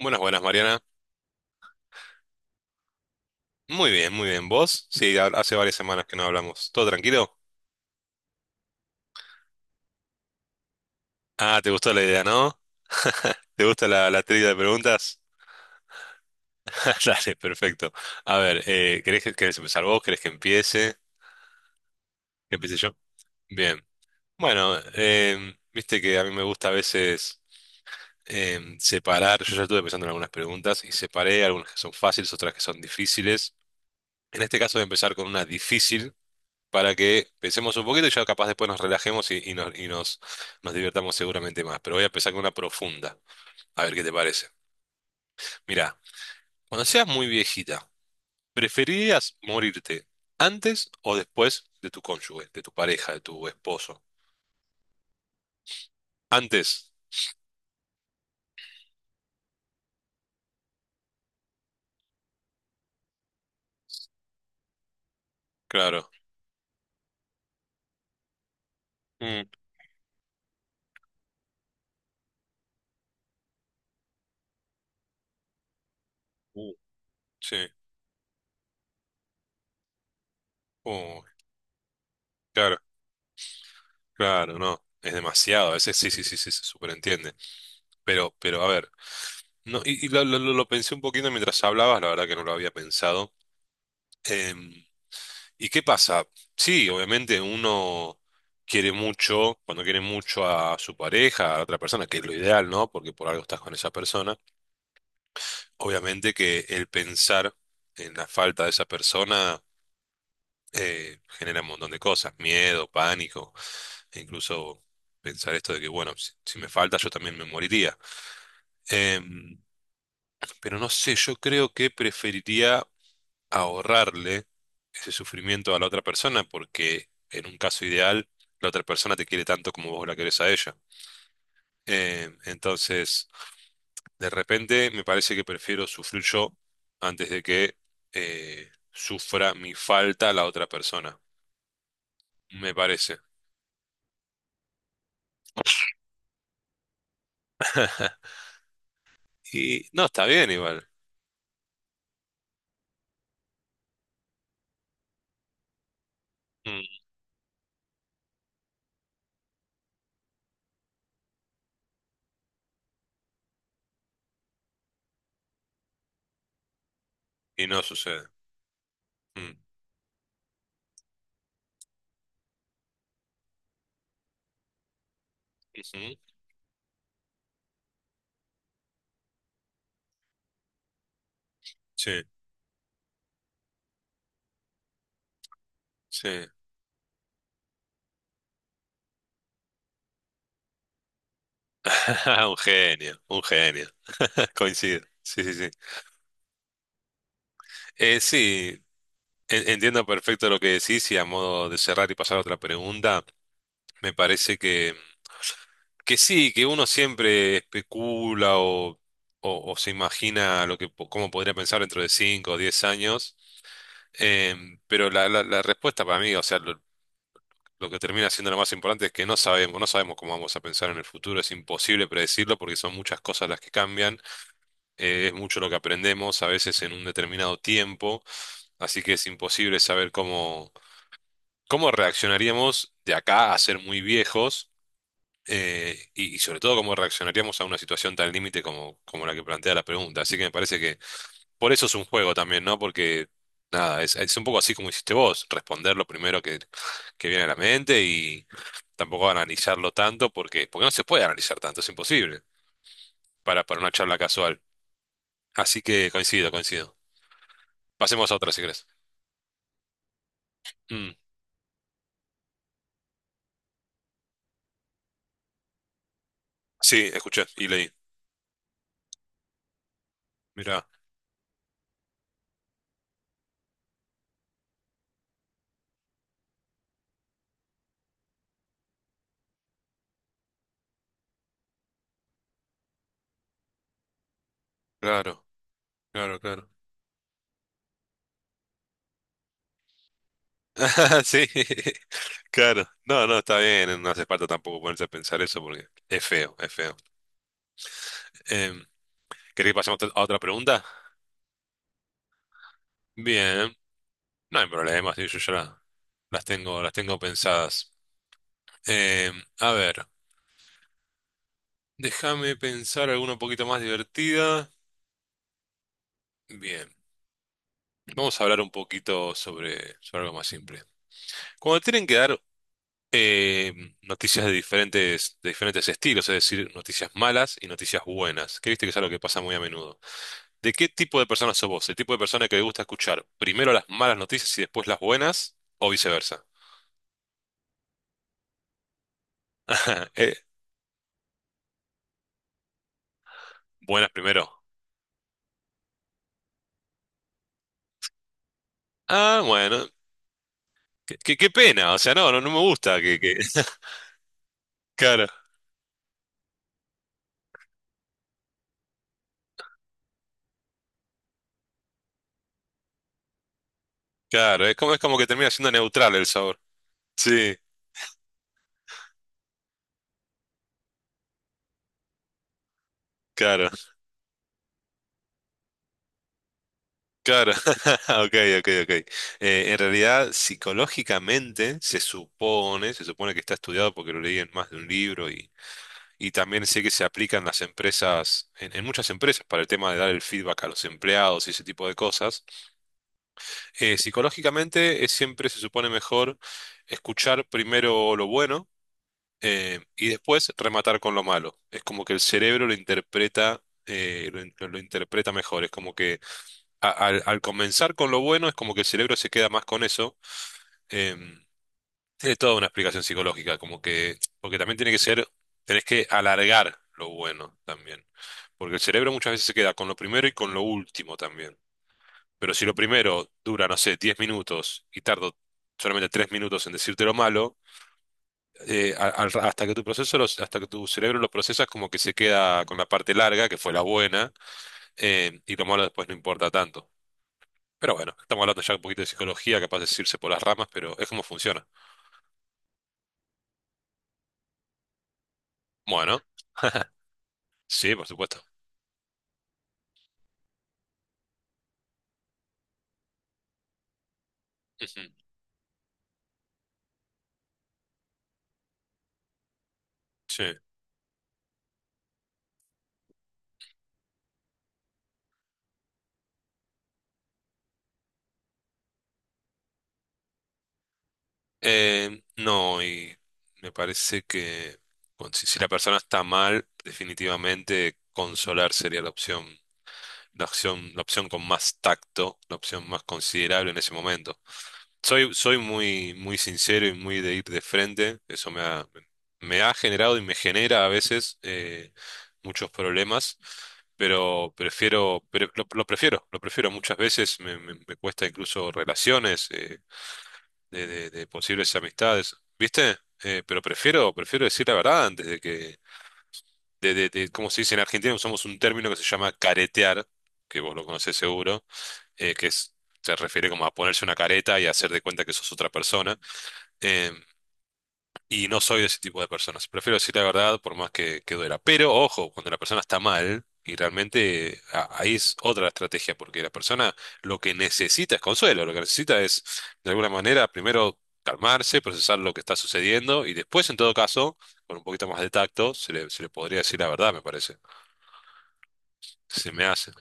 Buenas, buenas, Mariana. Muy bien, muy bien. ¿Vos? Sí, hace varias semanas que no hablamos. ¿Todo tranquilo? Ah, ¿te gustó la idea, no? ¿Te gusta la trivia de preguntas? Dale, perfecto. A ver, ¿querés, querés empezar vos? ¿Querés que empiece? ¿Que empiece yo? Bien. Bueno, viste que a mí me gusta a veces separar. Yo ya estuve pensando en algunas preguntas y separé algunas que son fáciles, otras que son difíciles. En este caso voy a empezar con una difícil, para que pensemos un poquito y ya capaz después nos relajemos y nos divirtamos seguramente más. Pero voy a empezar con una profunda, a ver qué te parece. Mirá, cuando seas muy viejita, ¿preferirías morirte antes o después de tu cónyuge, de tu pareja, de tu esposo? Antes, claro. Mm. uh, sí. Uy, claro, claro, no. Es demasiado, a veces sí, sí, sí, sí, se superentiende. Pero a ver, no, y lo pensé un poquito mientras hablabas, la verdad que no lo había pensado. Em, ¿Y qué pasa? Sí, obviamente uno quiere mucho, cuando quiere mucho a su pareja, a otra persona, que es lo ideal, ¿no? Porque por algo estás con esa persona. Obviamente que el pensar en la falta de esa persona genera un montón de cosas, miedo, pánico, e incluso pensar esto de que, bueno, si me falta yo también me moriría. Em, pero no sé, yo creo que preferiría ahorrarle ese sufrimiento a la otra persona porque en un caso ideal la otra persona te quiere tanto como vos la querés a ella. Entonces, de repente me parece que prefiero sufrir yo antes de que sufra mi falta la otra persona, me parece. Y no, está bien igual. Mm. Y no sucede. Mm, ujú. Sí, sí. Un genio, un genio. Coincido. Sí, sí, sí. Sí, entiendo perfecto lo que decís, y a modo de cerrar y pasar a otra pregunta, me parece que sí, que uno siempre especula o se imagina lo que, cómo podría pensar dentro de 5 o 10 años. Pero la respuesta para mí, o sea, lo que termina siendo lo más importante es que no sabemos, no sabemos cómo vamos a pensar en el futuro, es imposible predecirlo porque son muchas cosas las que cambian, es mucho lo que aprendemos a veces en un determinado tiempo, así que es imposible saber cómo. ¿Cómo reaccionaríamos de acá a ser muy viejos? Y sobre todo, ¿cómo reaccionaríamos a una situación tan límite como la que plantea la pregunta? Así que me parece que por eso es un juego también, ¿no? Porque, nada, es un poco así como hiciste vos, responder lo primero que viene a la mente, y tampoco analizarlo tanto porque no se puede analizar tanto, es imposible para una charla casual. Así que coincido, coincido. Pasemos a otra si querés. Mm, sí, escuché y leí. Mirá, claro, claro, claro. Sí, claro. No, no, está bien. No hace falta tampoco ponerse a pensar eso porque es feo, es feo. Eh, ¿Querés que pasemos a otra pregunta? Bien, no hay problema, sí, yo ya las tengo pensadas. Eh, a ver, déjame pensar alguna un poquito más divertida. Bien, vamos a hablar un poquito sobre algo más simple. Cuando tienen que dar eh, noticias de diferentes, estilos, es decir, noticias malas y noticias buenas, que viste que es algo que pasa muy a menudo. ¿De qué tipo de persona sos vos? ¿El tipo de persona que le gusta escuchar primero las malas noticias y después las buenas? ¿O viceversa? Eh, buenas primero. Ah, bueno. Qué pena. O sea, no, no, no me gusta. Claro, claro. Es como que termina siendo neutral el sabor. Sí, claro, claro. Ok, ok, ok. En realidad, psicológicamente, se supone que está estudiado porque lo leí en más de un libro. Y también sé que se aplican las empresas, en muchas empresas, para el tema de dar el feedback a los empleados y ese tipo de cosas. Psicológicamente es siempre se supone mejor escuchar primero lo bueno, y después rematar con lo malo. Es como que el cerebro lo interpreta, lo interpreta mejor. Es como que al comenzar con lo bueno es como que el cerebro se queda más con eso. em, Tiene toda una explicación psicológica, como que, porque también tiene que ser, tenés que alargar lo bueno también, porque el cerebro muchas veces se queda con lo primero y con lo último también. Pero si lo primero dura, no sé, 10 minutos y tardo solamente 3 minutos en decirte lo malo, hasta que tu proceso, hasta que tu cerebro lo procesas, como que se queda con la parte larga, que fue la buena, y lo malo después no importa tanto. Pero bueno, estamos hablando ya un poquito de psicología, capaz de irse por las ramas, pero es como funciona. Bueno, sí, por supuesto. Sí. No, y me parece que si la persona está mal, definitivamente consolar sería la opción, con más tacto, la opción más considerable en ese momento. Soy muy, muy sincero y muy de ir de frente. Eso me ha generado y me genera a veces muchos problemas. Pero lo prefiero, lo prefiero. Muchas veces me cuesta incluso relaciones, de posibles amistades, ¿viste? Pero prefiero decir la verdad antes de que, como se dice en Argentina, usamos un término que se llama caretear, que vos lo conocés seguro, eh, que es, se refiere como a ponerse una careta y hacer de cuenta que sos otra persona. Eh, y no soy de ese tipo de personas. Prefiero decir la verdad por más que duela. Pero ojo, cuando la persona está mal, y realmente ahí es otra estrategia, porque la persona lo que necesita es consuelo, lo que necesita es, de alguna manera, primero calmarse, procesar lo que está sucediendo, y después, en todo caso, con un poquito más de tacto, se le podría decir la verdad, me parece. Se me hace.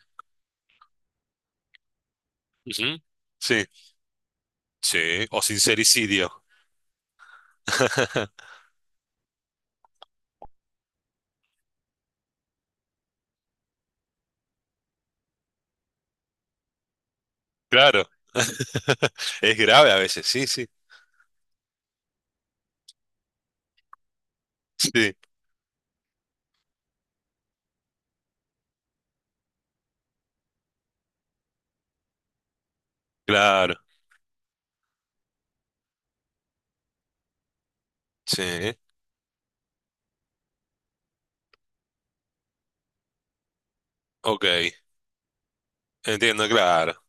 Ujú. Sí, sí. O sincericidio. Claro. Es grave a veces, sí, sí, sí. Claro. Sí. Ok. Entiendo, claro.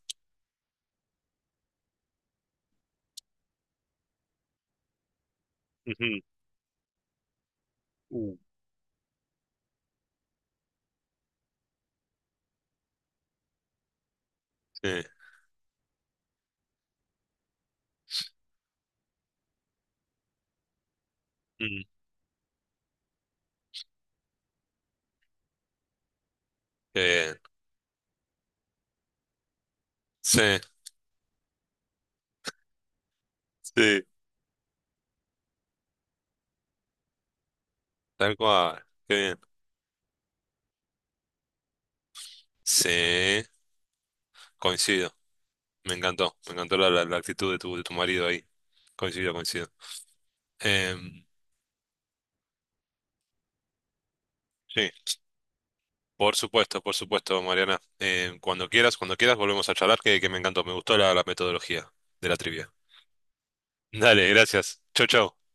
Ujú. Uh, Sí. Mm, qué bien. Sí, sí, tal cual. Qué bien. Sí, coincido. Me encantó. Me encantó la actitud de tu marido ahí. Coincido, coincido. Em, sí, por supuesto, Mariana. Cuando quieras, volvemos a charlar, que me encantó. Me gustó la metodología de la trivia. Dale, gracias. Chau, chau.